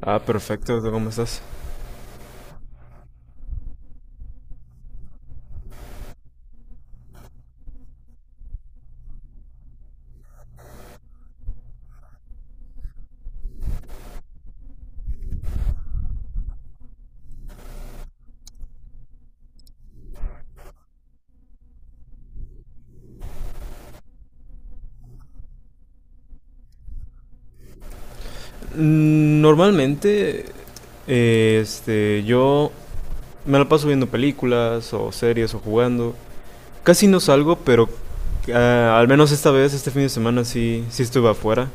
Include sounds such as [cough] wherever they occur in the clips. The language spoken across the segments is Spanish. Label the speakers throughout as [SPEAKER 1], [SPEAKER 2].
[SPEAKER 1] Ah, perfecto. ¿Tú cómo estás? Normalmente, yo me la paso viendo películas o series o jugando. Casi no salgo, pero al menos esta vez, este fin de semana sí, sí estuve afuera.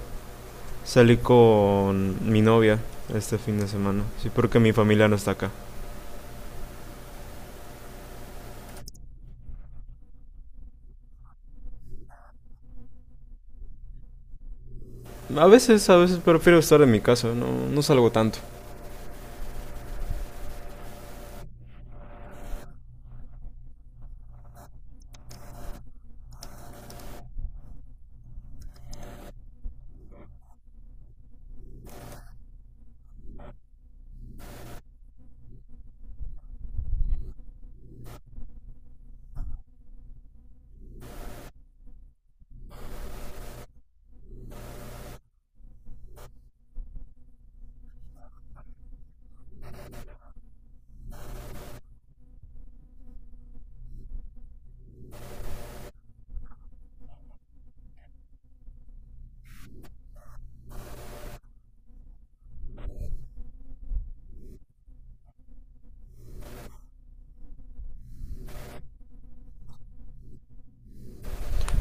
[SPEAKER 1] Salí con mi novia este fin de semana. Sí, porque mi familia no está acá. A veces prefiero estar en mi casa. No, no salgo tanto.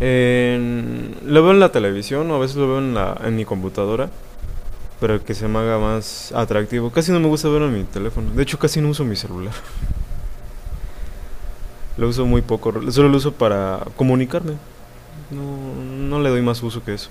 [SPEAKER 1] Lo veo en la televisión o a veces lo veo en en mi computadora. Para que se me haga más atractivo. Casi no me gusta verlo en mi teléfono. De hecho, casi no uso mi celular. [laughs] Lo uso muy poco. Solo lo uso para comunicarme. No, no le doy más uso que eso.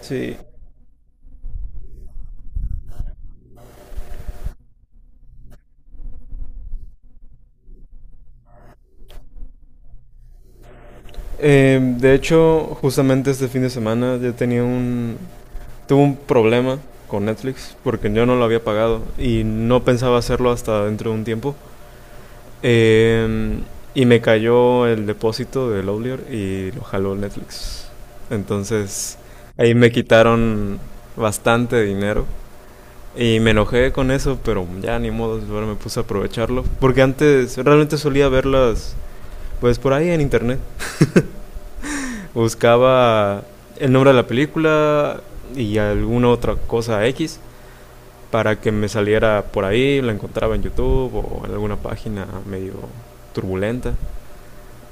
[SPEAKER 1] Sí. De hecho, justamente este fin de semana yo tenía un... Tuve un problema con Netflix porque yo no lo había pagado y no pensaba hacerlo hasta dentro de un tiempo. Eh, y me cayó el depósito de Lowlier y lo jaló Netflix. Entonces ahí me quitaron bastante dinero. Y me enojé con eso, pero ya ni modo, ahora me puse a aprovecharlo. Porque antes realmente solía verlas, pues por ahí en internet. Buscaba el nombre de la película y alguna otra cosa X para que me saliera por ahí, la encontraba en YouTube o en alguna página medio turbulenta.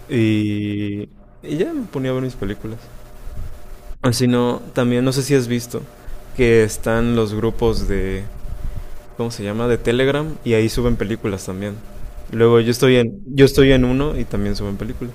[SPEAKER 1] Y, y ya me ponía a ver mis películas. Así no, también no sé si has visto que están los grupos de, ¿cómo se llama? De Telegram y ahí suben películas también. Luego yo estoy en uno y también suben películas.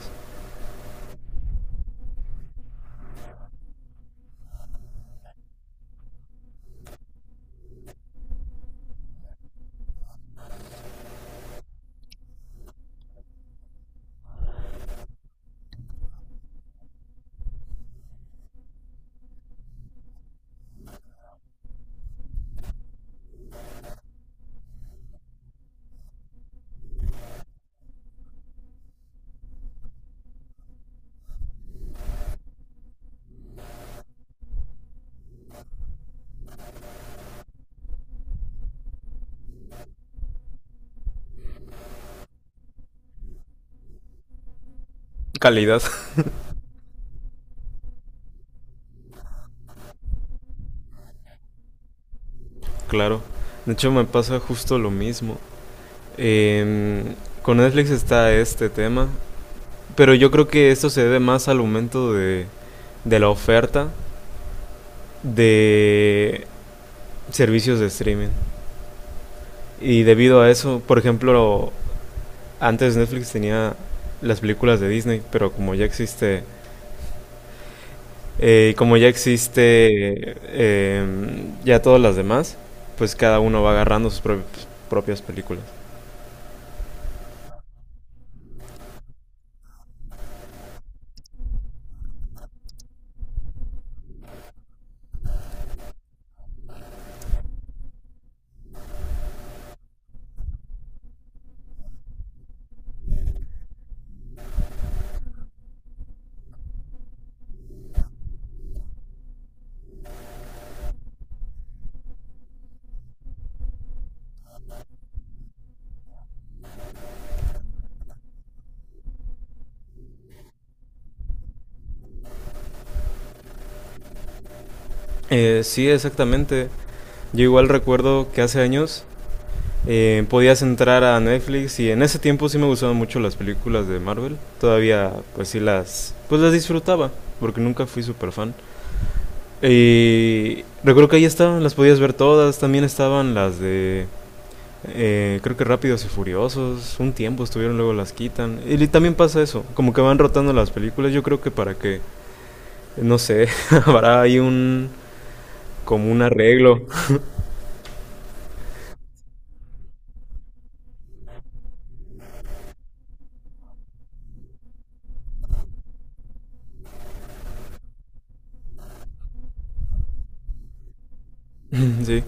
[SPEAKER 1] Calidad, [laughs] claro. De hecho me pasa justo lo mismo. Em, con Netflix está este tema, pero yo creo que esto se debe más al aumento de la oferta de servicios de streaming. Y debido a eso, por ejemplo, antes Netflix tenía las películas de Disney, pero como ya existe ya todas las demás, pues cada uno va agarrando sus propias, propias películas. Sí, exactamente. Yo igual recuerdo que hace años podías entrar a Netflix y en ese tiempo sí me gustaban mucho las películas de Marvel. Todavía pues sí las disfrutaba porque nunca fui super fan. Y recuerdo que ahí estaban, las podías ver todas. También estaban las de. Eh, creo que Rápidos y Furiosos. Un tiempo estuvieron, luego las quitan. Y también pasa eso. Como que van rotando las películas. Yo creo que para que. No sé. [laughs] Habrá ahí un. Como un arreglo. [laughs] Sí.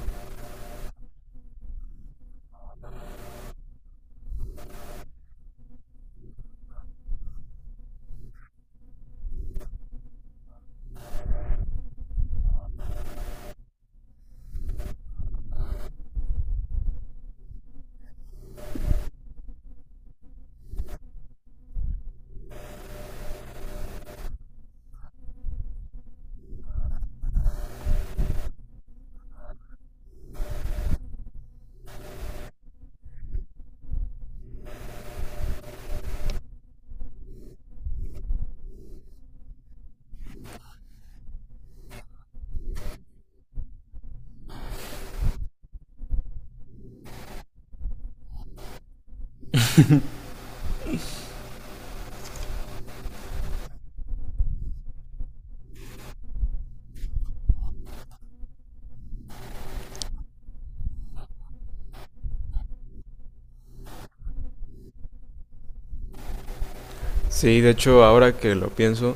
[SPEAKER 1] Sí, de hecho, ahora que lo pienso.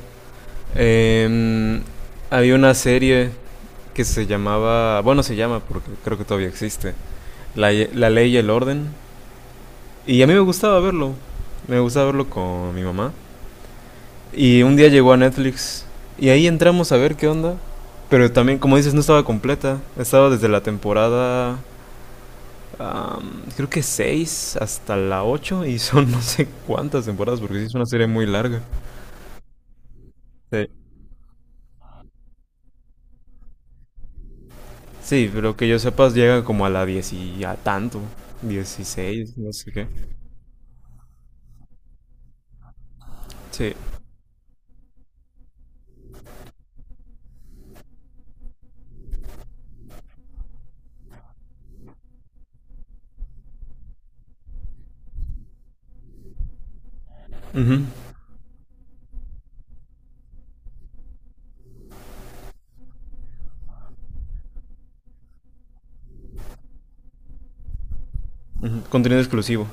[SPEAKER 1] em, Había una serie que se llamaba. Bueno, se llama porque creo que todavía existe. La Ley y el Orden. Y a mí me gustaba verlo. Me gustaba verlo con mi mamá. Y un día llegó a Netflix. Y ahí entramos a ver qué onda. Pero también, como dices, no estaba completa. Estaba desde la temporada. Creo que 6 hasta la ocho. Y son [laughs] no sé cuántas temporadas. Porque sí es una serie muy larga. Sí, sí pero que yo sepas, llega como a la 10 y a tanto. 16 no sé qué. Sí. Ujú, ujú, contenido exclusivo.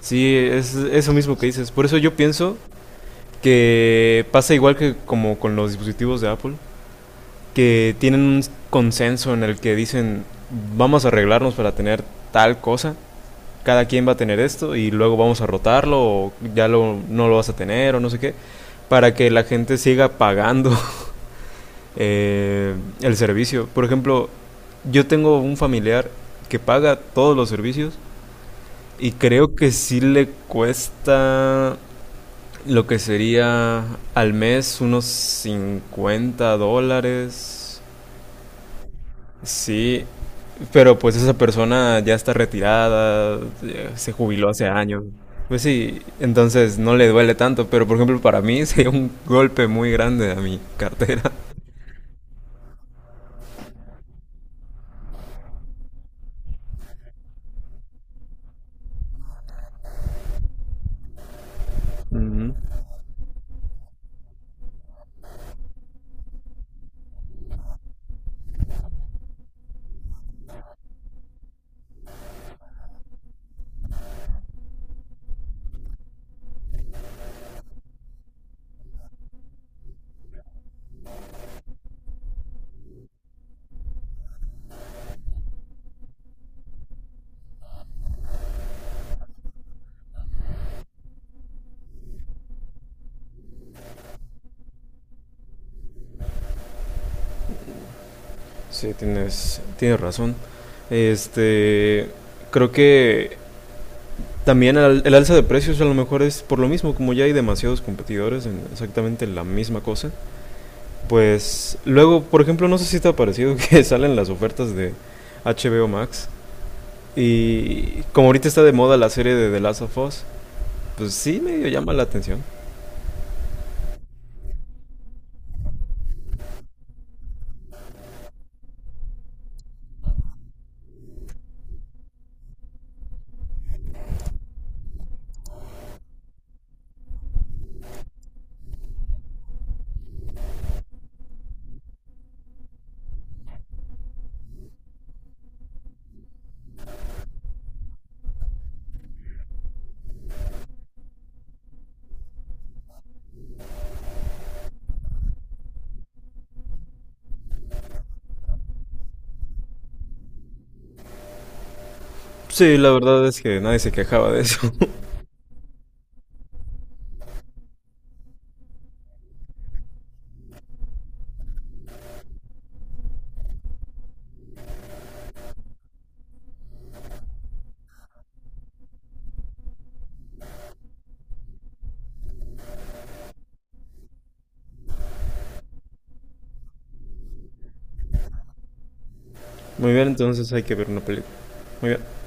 [SPEAKER 1] Sí, es eso mismo que dices. Por eso yo pienso que pasa igual que como con los dispositivos de Apple, que tienen un consenso en el que dicen vamos a arreglarnos para tener tal cosa, cada quien va a tener esto y luego vamos a rotarlo o ya lo, no lo vas a tener o no sé qué, para que la gente siga pagando [laughs] eh, el servicio. Por ejemplo, yo tengo un familiar que paga todos los servicios y creo que sí le cuesta, lo que sería al mes, unos $50. Sí, pero pues esa persona ya está retirada, ya se jubiló hace años. Pues sí, entonces no le duele tanto, pero por ejemplo para mí [laughs] sería un golpe muy grande a mi cartera. Ujú. Sí, tienes razón. Este, creo que también el alza de precios a lo mejor es por lo mismo, como ya hay demasiados competidores en exactamente la misma cosa, pues luego, por ejemplo, no sé si te ha parecido [laughs] que salen las ofertas de HBO Max y como ahorita está de moda la serie de The Last of Us, pues sí medio llama la atención. Sí, la verdad es que nadie se quejaba de eso. [laughs] Muy bien, entonces hay que ver una película. Muy bien.